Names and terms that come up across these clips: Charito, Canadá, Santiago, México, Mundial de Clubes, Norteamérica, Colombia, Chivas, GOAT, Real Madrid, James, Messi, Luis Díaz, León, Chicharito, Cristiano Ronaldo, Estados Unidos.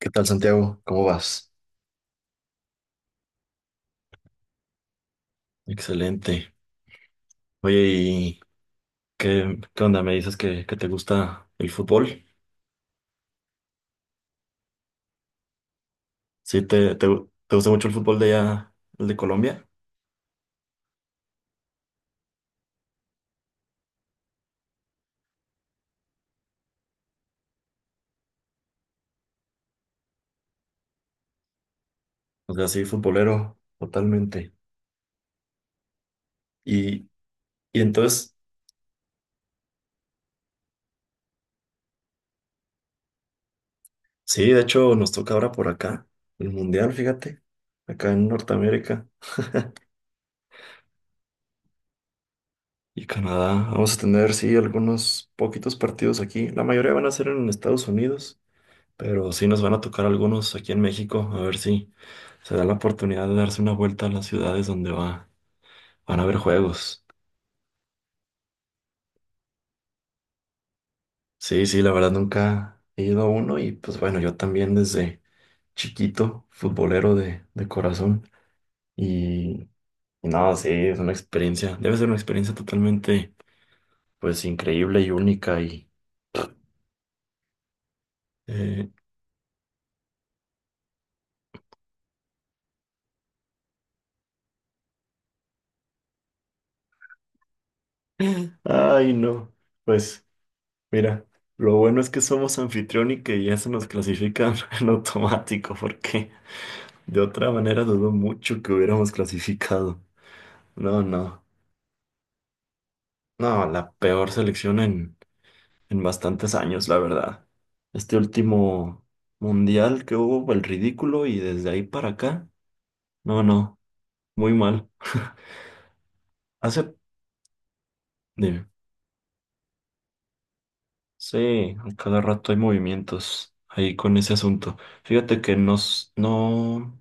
¿Qué tal, Santiago? ¿Cómo vas? Excelente. Oye, ¿y qué onda? ¿Me dices que te gusta el fútbol? ¿Sí te gusta mucho el fútbol de allá, el de Colombia? O sea, sí, futbolero, totalmente. Y, y entonces, sí, de hecho nos toca ahora por acá, el Mundial, fíjate, acá en Norteamérica y Canadá. Vamos a tener, sí, algunos poquitos partidos aquí. La mayoría van a ser en Estados Unidos, pero sí nos van a tocar algunos aquí en México, a ver si. Se da la oportunidad de darse una vuelta a las ciudades donde van a haber juegos. Sí, sí, la verdad nunca he ido a uno y pues bueno, yo también desde chiquito, futbolero de corazón. Y, y no, sí, es una experiencia, debe ser una experiencia totalmente pues increíble y única y... eh, ay, no, pues mira, lo bueno es que somos anfitrión y que ya se nos clasifica en automático porque de otra manera dudo mucho que hubiéramos clasificado. No, no. No, la peor selección en bastantes años, la verdad. Este último mundial que hubo, el ridículo, y desde ahí para acá, no, no, muy mal. Hace, dime, sí, a cada rato hay movimientos ahí con ese asunto. Fíjate que no, no,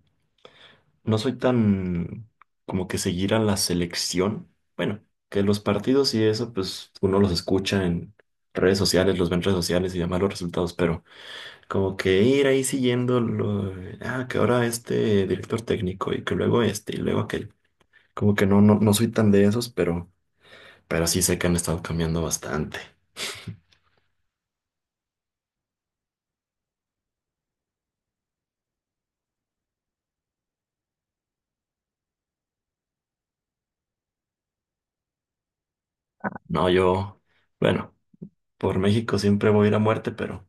no soy tan como que seguir a la selección. Bueno, que los partidos y eso, pues uno los escucha en redes sociales, los ve en redes sociales y demás los resultados, pero. Como que ir ahí siguiendo lo, ah, que ahora este director técnico y que luego este y luego aquel. Como que no, no, no soy tan de esos, pero sí sé que han estado cambiando bastante. No, yo, bueno, por México siempre voy a ir a muerte, pero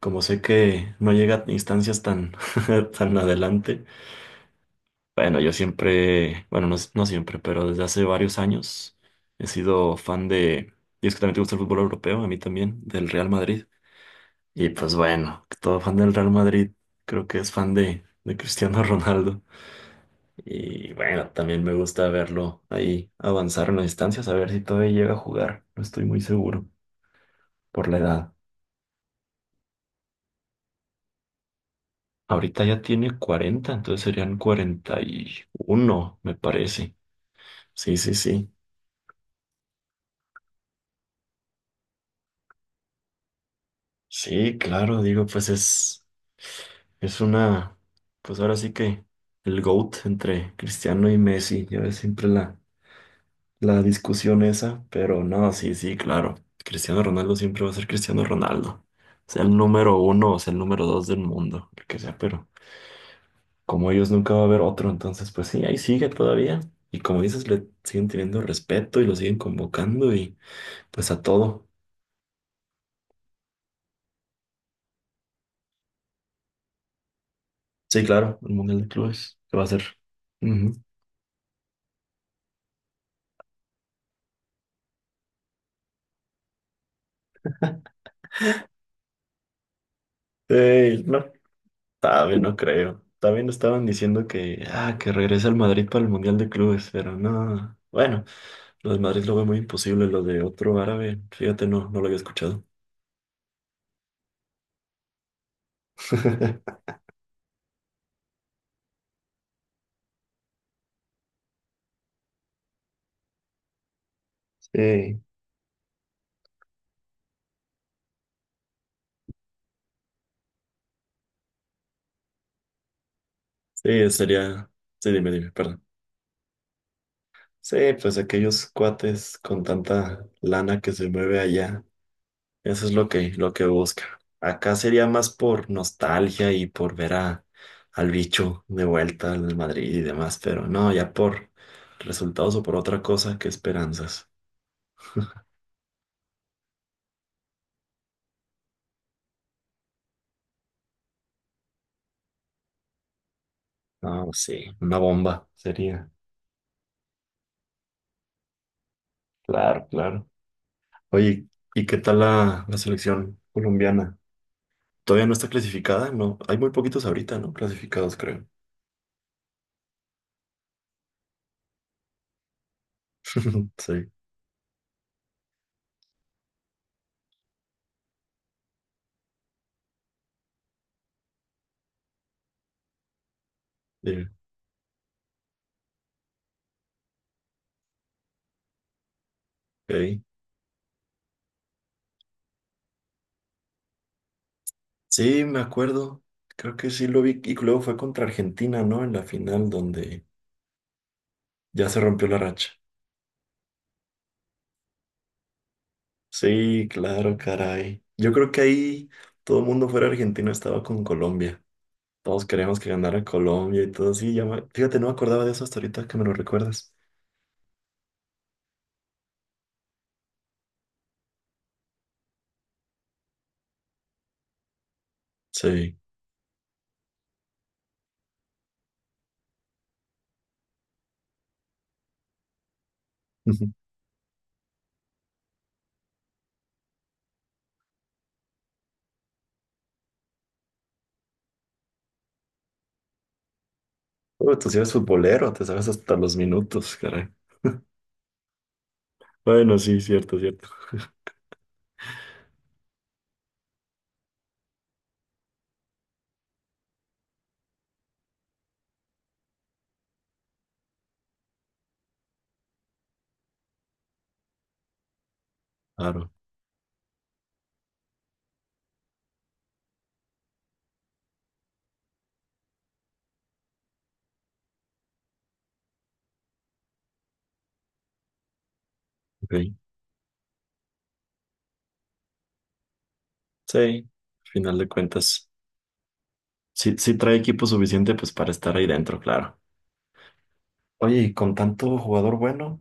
como sé que no llega a instancias tan, tan adelante, bueno, yo siempre, bueno, no, no siempre, pero desde hace varios años he sido fan de, y es que también te gusta el fútbol europeo, a mí también, del Real Madrid. Y pues bueno, todo fan del Real Madrid, creo que es fan de Cristiano Ronaldo. Y bueno, también me gusta verlo ahí avanzar en las distancias, a ver si todavía llega a jugar. No estoy muy seguro por la edad. Ahorita ya tiene 40, entonces serían 41 me parece. Sí, sí, sí. Sí, claro, digo, pues es una, pues ahora sí que el GOAT entre Cristiano y Messi, ya ves siempre la la discusión esa, pero no, sí, sí, claro. Cristiano Ronaldo siempre va a ser Cristiano Ronaldo. Sea el número uno o sea el número dos del mundo, el que sea, pero como ellos nunca va a haber otro, entonces pues sí, ahí sigue todavía. Y como dices, le siguen teniendo respeto y lo siguen convocando y pues a todo. Sí, claro, el Mundial de Clubes, ¿que va a ser? Ujú. Ey, no. También no creo. También estaban diciendo que, ah, que regresa al Madrid para el Mundial de Clubes, pero no. Bueno, lo de Madrid lo veo muy imposible, lo de otro árabe, fíjate, no, no lo había escuchado. Sí, sí, sería. Sí, dime, dime, perdón. Sí, pues aquellos cuates con tanta lana que se mueve allá. Eso es lo que busca. Acá sería más por nostalgia y por ver a, al bicho de vuelta al Madrid y demás, pero no, ya por resultados o por otra cosa que esperanzas. No, sí, una bomba sería. Claro, claro. Oye, ¿y qué tal la selección colombiana? ¿Todavía no está clasificada? No, hay muy poquitos ahorita, ¿no? Clasificados, creo. Sí, sí, ok. Sí, me acuerdo. Creo que sí lo vi. Y luego fue contra Argentina, ¿no? En la final donde ya se rompió la racha. Sí, claro, caray. Yo creo que ahí todo el mundo fuera argentino estaba con Colombia. Todos queríamos que ganara Colombia y todo así. Fíjate, no me acordaba de eso hasta ahorita que me lo recuerdas. Sí. Bueno, tú sí eres futbolero, te sabes hasta los minutos, caray. Bueno, sí, cierto, cierto. Claro, ok. Sí, al final de cuentas. Sí, sí trae equipo suficiente pues para estar ahí dentro, claro. Oye, y con tanto jugador bueno,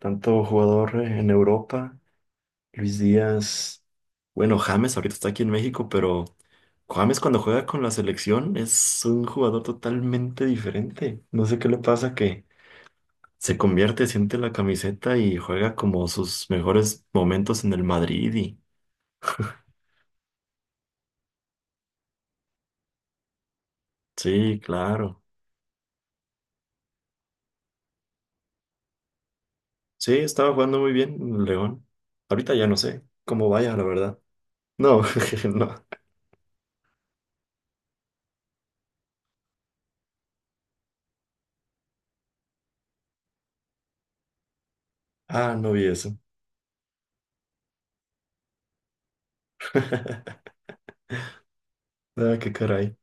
tanto jugador en Europa. Luis Díaz. Bueno, James ahorita está aquí en México, pero James cuando juega con la selección es un jugador totalmente diferente. No sé qué le pasa que se convierte, siente la camiseta y juega como sus mejores momentos en el Madrid y sí, claro. Sí, estaba jugando muy bien en el León. Ahorita ya no sé cómo vaya, la verdad. No, no. Ah, no vi eso. Ah, qué caray.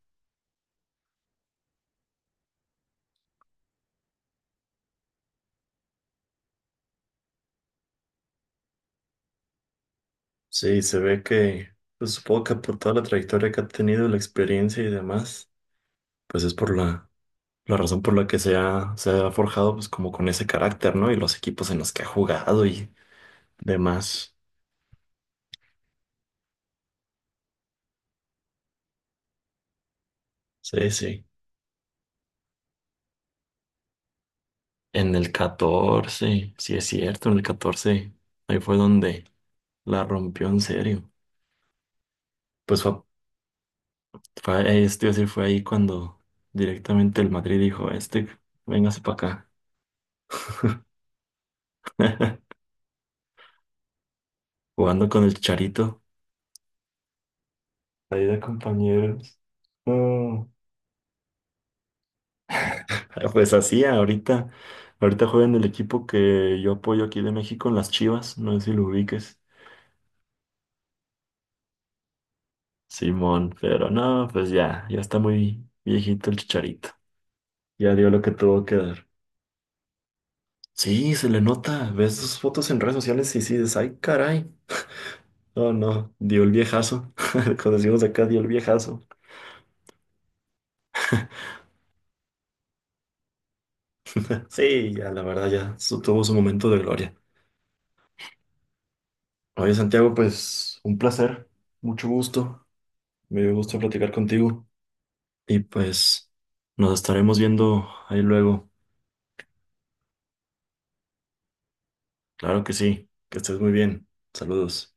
Sí, se ve que, pues supongo que por toda la trayectoria que ha tenido, la experiencia y demás, pues es por la razón por la que se ha forjado pues como con ese carácter, ¿no? Y los equipos en los que ha jugado y demás. Sí, sí. En el 14 sí es cierto, en el 14 ahí fue donde la rompió en serio. Pues esto iba a decir, fue ahí cuando directamente el Madrid dijo, este, véngase para acá. Jugando con el Charito. Ahí de compañeros. No. Ah, pues así, ahorita juega en el equipo que yo apoyo aquí de México, en las Chivas, no sé si lo ubiques, Simón, pero no, pues ya, ya está muy viejito el Chicharito, ya dio lo que tuvo que dar. Sí, se le nota, ves sus fotos en redes sociales y sí, dices, ay, caray, no, no, dio el viejazo, cuando decimos acá, dio el viejazo. Sí, ya, la verdad, tuvo su momento de gloria. Oye, Santiago, pues un placer, mucho gusto. Me gusta platicar contigo y pues nos estaremos viendo ahí luego. Claro que sí, que estés muy bien. Saludos.